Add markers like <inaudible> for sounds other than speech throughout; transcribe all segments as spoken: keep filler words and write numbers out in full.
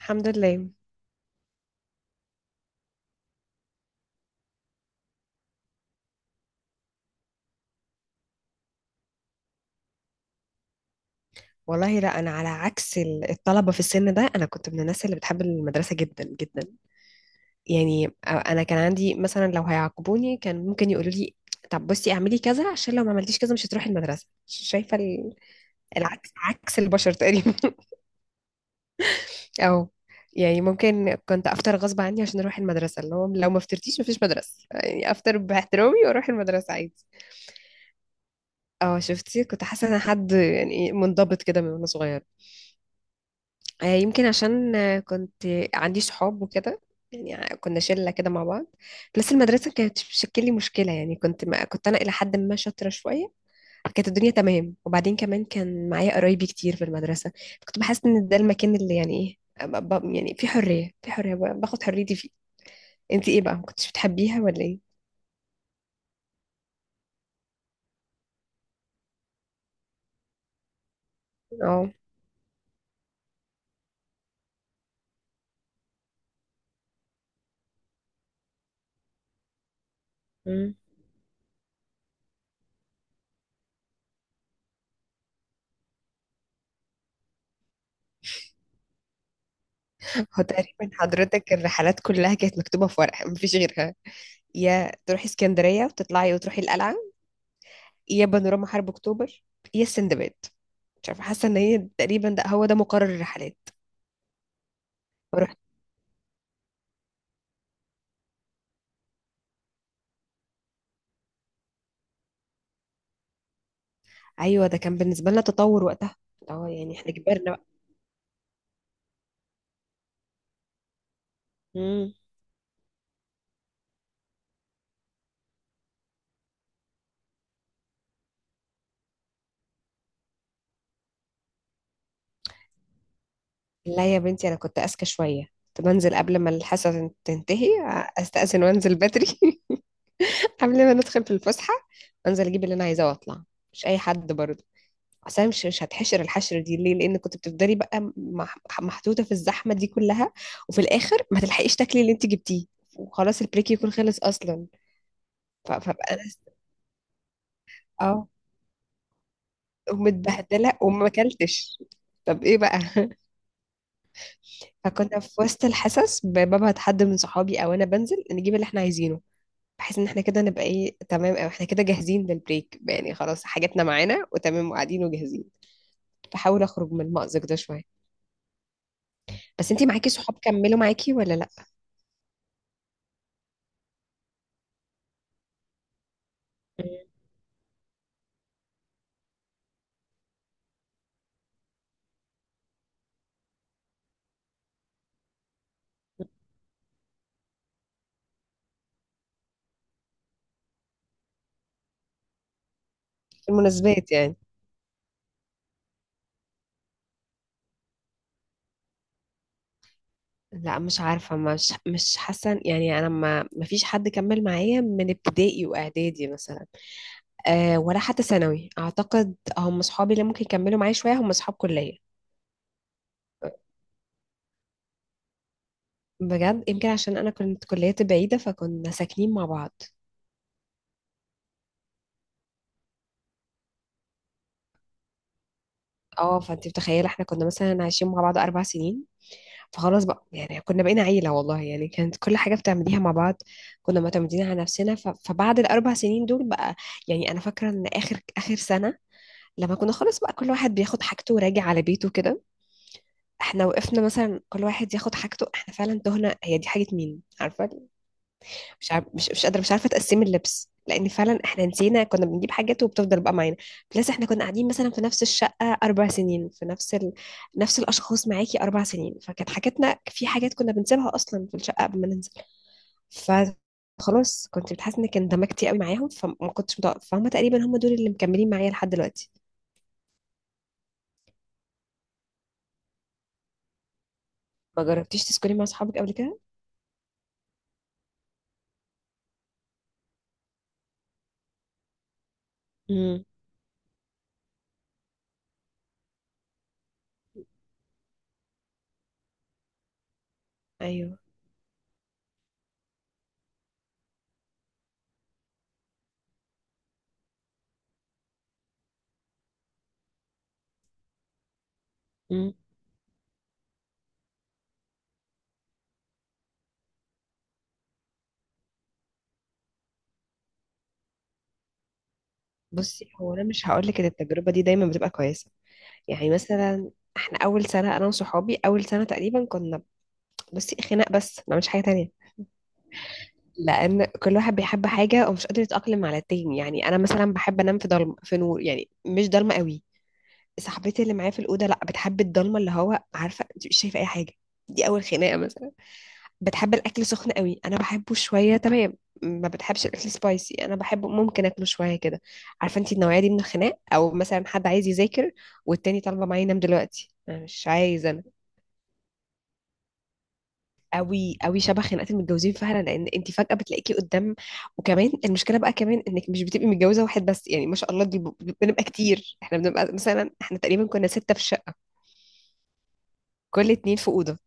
الحمد لله. والله لا، انا على عكس ال- الطلبه في السن ده. انا كنت من الناس اللي بتحب المدرسه جدا جدا. يعني انا كان عندي مثلا لو هيعاقبوني كان ممكن يقولوا لي طب بصي اعملي كذا عشان لو ما عملتيش كذا مش هتروحي المدرسه. شايفه ال- العكس، عكس البشر تقريبا. <laughs> او يعني ممكن كنت افطر غصب عني عشان اروح المدرسه، اللي هو لو ما فطرتيش مفيش مدرسه، يعني افطر باحترامي واروح المدرسه عادي. اه، شفتي؟ كنت حاسه ان أنا حد يعني منضبط كده من وانا صغيره. آه، يمكن عشان آه، كنت عندي صحاب وكده. يعني ع- كنا شلة كده مع بعض. بس المدرسة كانت بتشكل لي مشكلة، يعني كنت ما كنت أنا إلى حد ما شاطرة شوية، كانت الدنيا تمام. وبعدين كمان كان معايا قرايبي كتير في المدرسة، كنت بحس إن ده المكان اللي يعني إيه، ب- ب- يعني في حرية، في حرية ب- باخد حريتي فيه. أنت إيه بقى، ما كنتش بتحبيها ولا إيه؟ اه. مم. هو تقريبا حضرتك الرحلات كلها كانت مكتوبة في ورقة مفيش غيرها، يا تروحي اسكندرية وتطلعي وتروحي القلعة، يا بانوراما حرب اكتوبر، يا السندباد. مش عارفه، حاسه ان هي تقريبا ده هو ده مقرر الرحلات. فرحت. ايوه، ده كان بالنسبه لنا تطور وقتها. اه يعني احنا كبرنا بقى. مم. لا يا بنتي، انا كنت اذكى شويه، كنت بنزل قبل ما الحصه تن- تنتهي، استاذن وانزل بدري <laughs> قبل ما ندخل في الفسحه. انزل اجيب اللي انا عايزاه واطلع. مش اي حد برضه. اصل أنا مش مش هتحشر الحشر دي ليه؟ لان كنت بتفضلي بقى مح- محطوطه في الزحمه دي كلها، وفي الاخر ما تلحقيش تاكلي اللي انت جبتيه، وخلاص البريك يكون خلص اصلا. ف- فبقى انا س- اه. ومتبهدله وما اكلتش. طب ايه بقى؟ <laughs> فكنا في وسط الحصص ب- ببعت حد من صحابي او انا بنزل نجيب اللي احنا عايزينه، بحيث ان احنا كده نبقى ايه، تمام، او احنا كده جاهزين للبريك، يعني خلاص حاجاتنا معانا وتمام وقاعدين وجاهزين. بحاول اخرج من المأزق ده شويه. بس انتي معاكي صحاب كملوا معاكي ولا لا؟ في المناسبات يعني. لا مش عارفة، مش مش حاسة، يعني أنا ما ما فيش حد كمل معايا من ابتدائي وإعدادي مثلا. آه، ولا حتى ثانوي. اعتقد هم اصحابي اللي ممكن يكملوا معايا شويه هم اصحاب كليه. بجد، يمكن عشان انا كنت كليتي بعيده فكنا ساكنين مع بعض. اه، فانت متخيله، احنا كنا مثلا عايشين مع بعض اربع سنين، فخلاص بقى يعني كنا بقينا عيله والله، يعني كانت كل حاجه بتعمليها مع بعض، كنا معتمدين على نفسنا. ف... فبعد الاربع سنين دول بقى، يعني انا فاكره ان اخر اخر سنه، لما كنا خلاص بقى كل واحد بياخد حاجته وراجع على بيته كده، احنا وقفنا مثلا كل واحد ياخد حاجته، احنا فعلا تهنا، هي دي حاجه مين عارفه، مش عارف مش مش قادره، مش عارفه تقسم اللبس، لان فعلا احنا نسينا كنا بنجيب حاجات وبتفضل بقى معانا. بلس احنا كنا قاعدين مثلا في نفس الشقه اربع سنين، في نفس ال... نفس الاشخاص معاكي اربع سنين، فكانت حاجاتنا في حاجات كنا بنسيبها اصلا في الشقه قبل ما ننزل. فخلاص كنت بتحس انك اندمجتي قوي معاهم، فما كنتش متوقف، فهم تقريبا هم دول اللي مكملين معايا لحد دلوقتي. ما جربتيش تسكني مع اصحابك قبل كده؟ امم. ايوه. امم. بصي هو انا مش هقول لك ان التجربه دي دايما بتبقى كويسه. يعني مثلا احنا اول سنه، انا وصحابي اول سنه تقريبا كنا، بصي، خناق، بس ما عملش حاجه تانية، لان كل واحد بيحب حاجه ومش قادر يتاقلم على التاني. يعني انا مثلا بحب انام في ضلمه في نور، يعني مش ضلمه قوي، صاحبتي اللي معايا في الاوضه لا بتحب الضلمه اللي هو عارفه انت مش شايفه اي حاجه، دي اول خناقه مثلا. بتحب الاكل سخن قوي، انا بحبه شويه تمام. ما بتحبش الاكل سبايسي، انا بحبه ممكن اكله شويه كده. عارفه انت النوعيه دي من الخناق. او مثلا حد عايز يذاكر والتاني طالبه معايا ينام دلوقتي انا مش عايزه. قوي قوي شبه خناقات المتجوزين فعلا، لان انت فجأة بتلاقيكي قدام. وكمان المشكلة بقى كمان انك مش بتبقي متجوزة واحد بس يعني ما شاء الله، دي ب- بنبقى كتير، احنا بنبقى مثلا، احنا تقريبا كنا ستة في الشقة، كل اتنين في أوضة.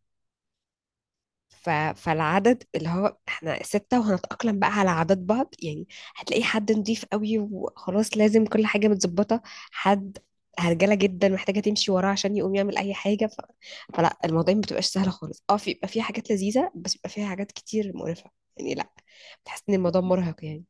ف... فالعدد اللي هو احنا ستة وهنتأقلم بقى على عادات بعض يعني. هتلاقي حد نضيف قوي وخلاص لازم كل حاجة متظبطة، حد هرجلة جدا محتاجة تمشي وراه عشان يقوم يعمل أي حاجة. ف... فلا الموضوع ما بتبقاش سهلة خالص. اه في، بيبقى فيها حاجات لذيذة بس بيبقى فيها حاجات كتير مقرفة يعني، لا بتحس إن الموضوع مرهق يعني.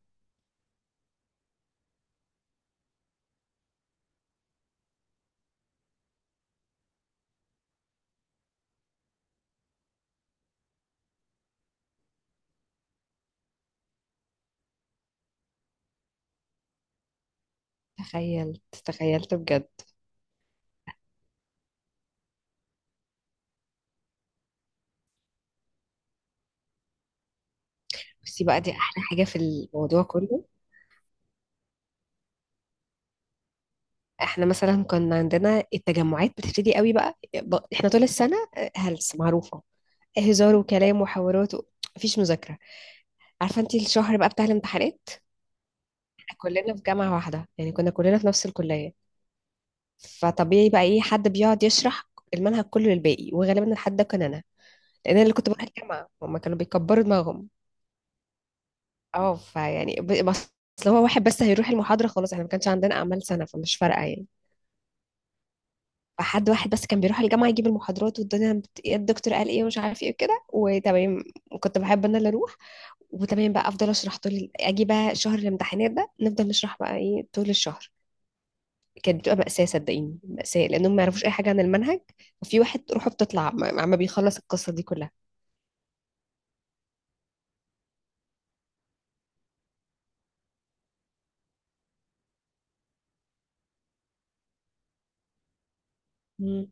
تخيلت تخيلت بجد. بصي بقى، دي أحلى حاجة في الموضوع كله. احنا مثلا كنا عندنا التجمعات بتبتدي قوي بقى ب- احنا طول السنة، آه، هلس معروفة، هزار وكلام وحوارات و- مفيش مذاكرة. عارفة انتي الشهر بقى بتاع الامتحانات، احنا كلنا في جامعة واحدة، يعني كنا كلنا في نفس الكلية، فطبيعي بقى ايه، حد بيقعد يشرح المنهج كله للباقي، وغالبا الحد ده كان انا، لان انا اللي كنت بروح الجامعة، هما كانوا بيكبروا دماغهم. اه، فيعني ب- بس لو هو واحد بس هيروح المحاضرة خلاص، احنا ما كانش عندنا اعمال سنة فمش فارقة يعني. حد واحد بس كان بيروح الجامعة يجيب المحاضرات والدنيا بت- إيه الدكتور قال ايه ومش عارف ايه وكده وتمام. كنت بحب انا اللي اروح وتمام، بقى افضل اشرح طول ال- اجي بقى شهر الامتحانات ده نفضل نشرح بقى ايه طول الشهر. كانت بتبقى مأساة صدقيني، مأساة، لانهم ما يعرفوش اي حاجة عن المنهج، وفي واحد روحه بتطلع، ما ما بيخلص القصة دي كلها. مم.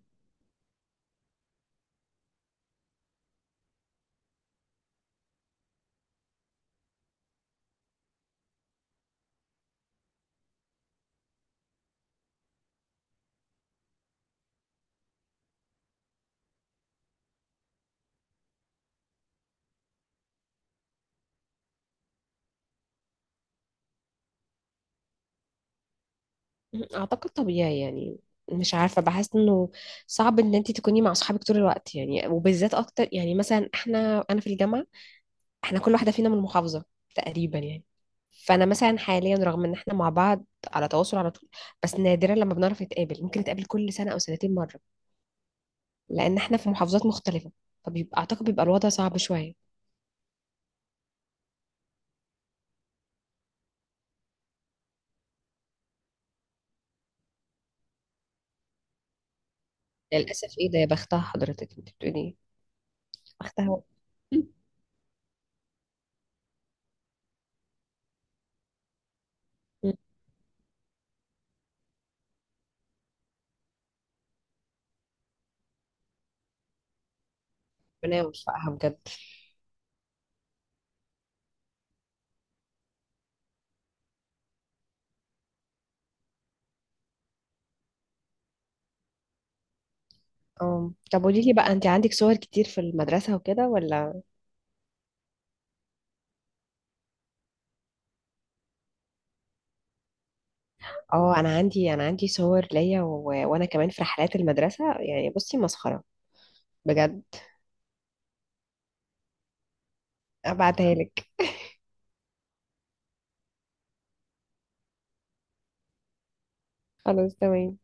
اعتقد طبيعي يعني، مش عارفة بحس انه صعب ان انت تكوني مع صحابك طول الوقت، يعني وبالذات اكتر. يعني مثلا احنا، انا في الجامعة، احنا كل واحدة فينا من محافظة تقريبا يعني، فانا مثلا حاليا رغم ان احنا مع بعض على تواصل على طول، بس نادرا لما بنعرف نتقابل، ممكن نتقابل كل سنة او سنتين مرة، لان احنا في محافظات مختلفة، فبيبقى اعتقد بيبقى الوضع صعب شوية. للاسف؟ ايه ده، يا بختها. حضرتك انت بتقولي ايه؟ بختها. <laughs> ربنا يوفقها بجد. اه، طب قولي لي بقى، انت عندك صور كتير في المدرسة وكده ولا؟ اه انا عندي، انا عندي صور ليا و... وانا كمان في رحلات المدرسة يعني، بصي مسخرة بجد. ابعتها لك. خلاص تمام.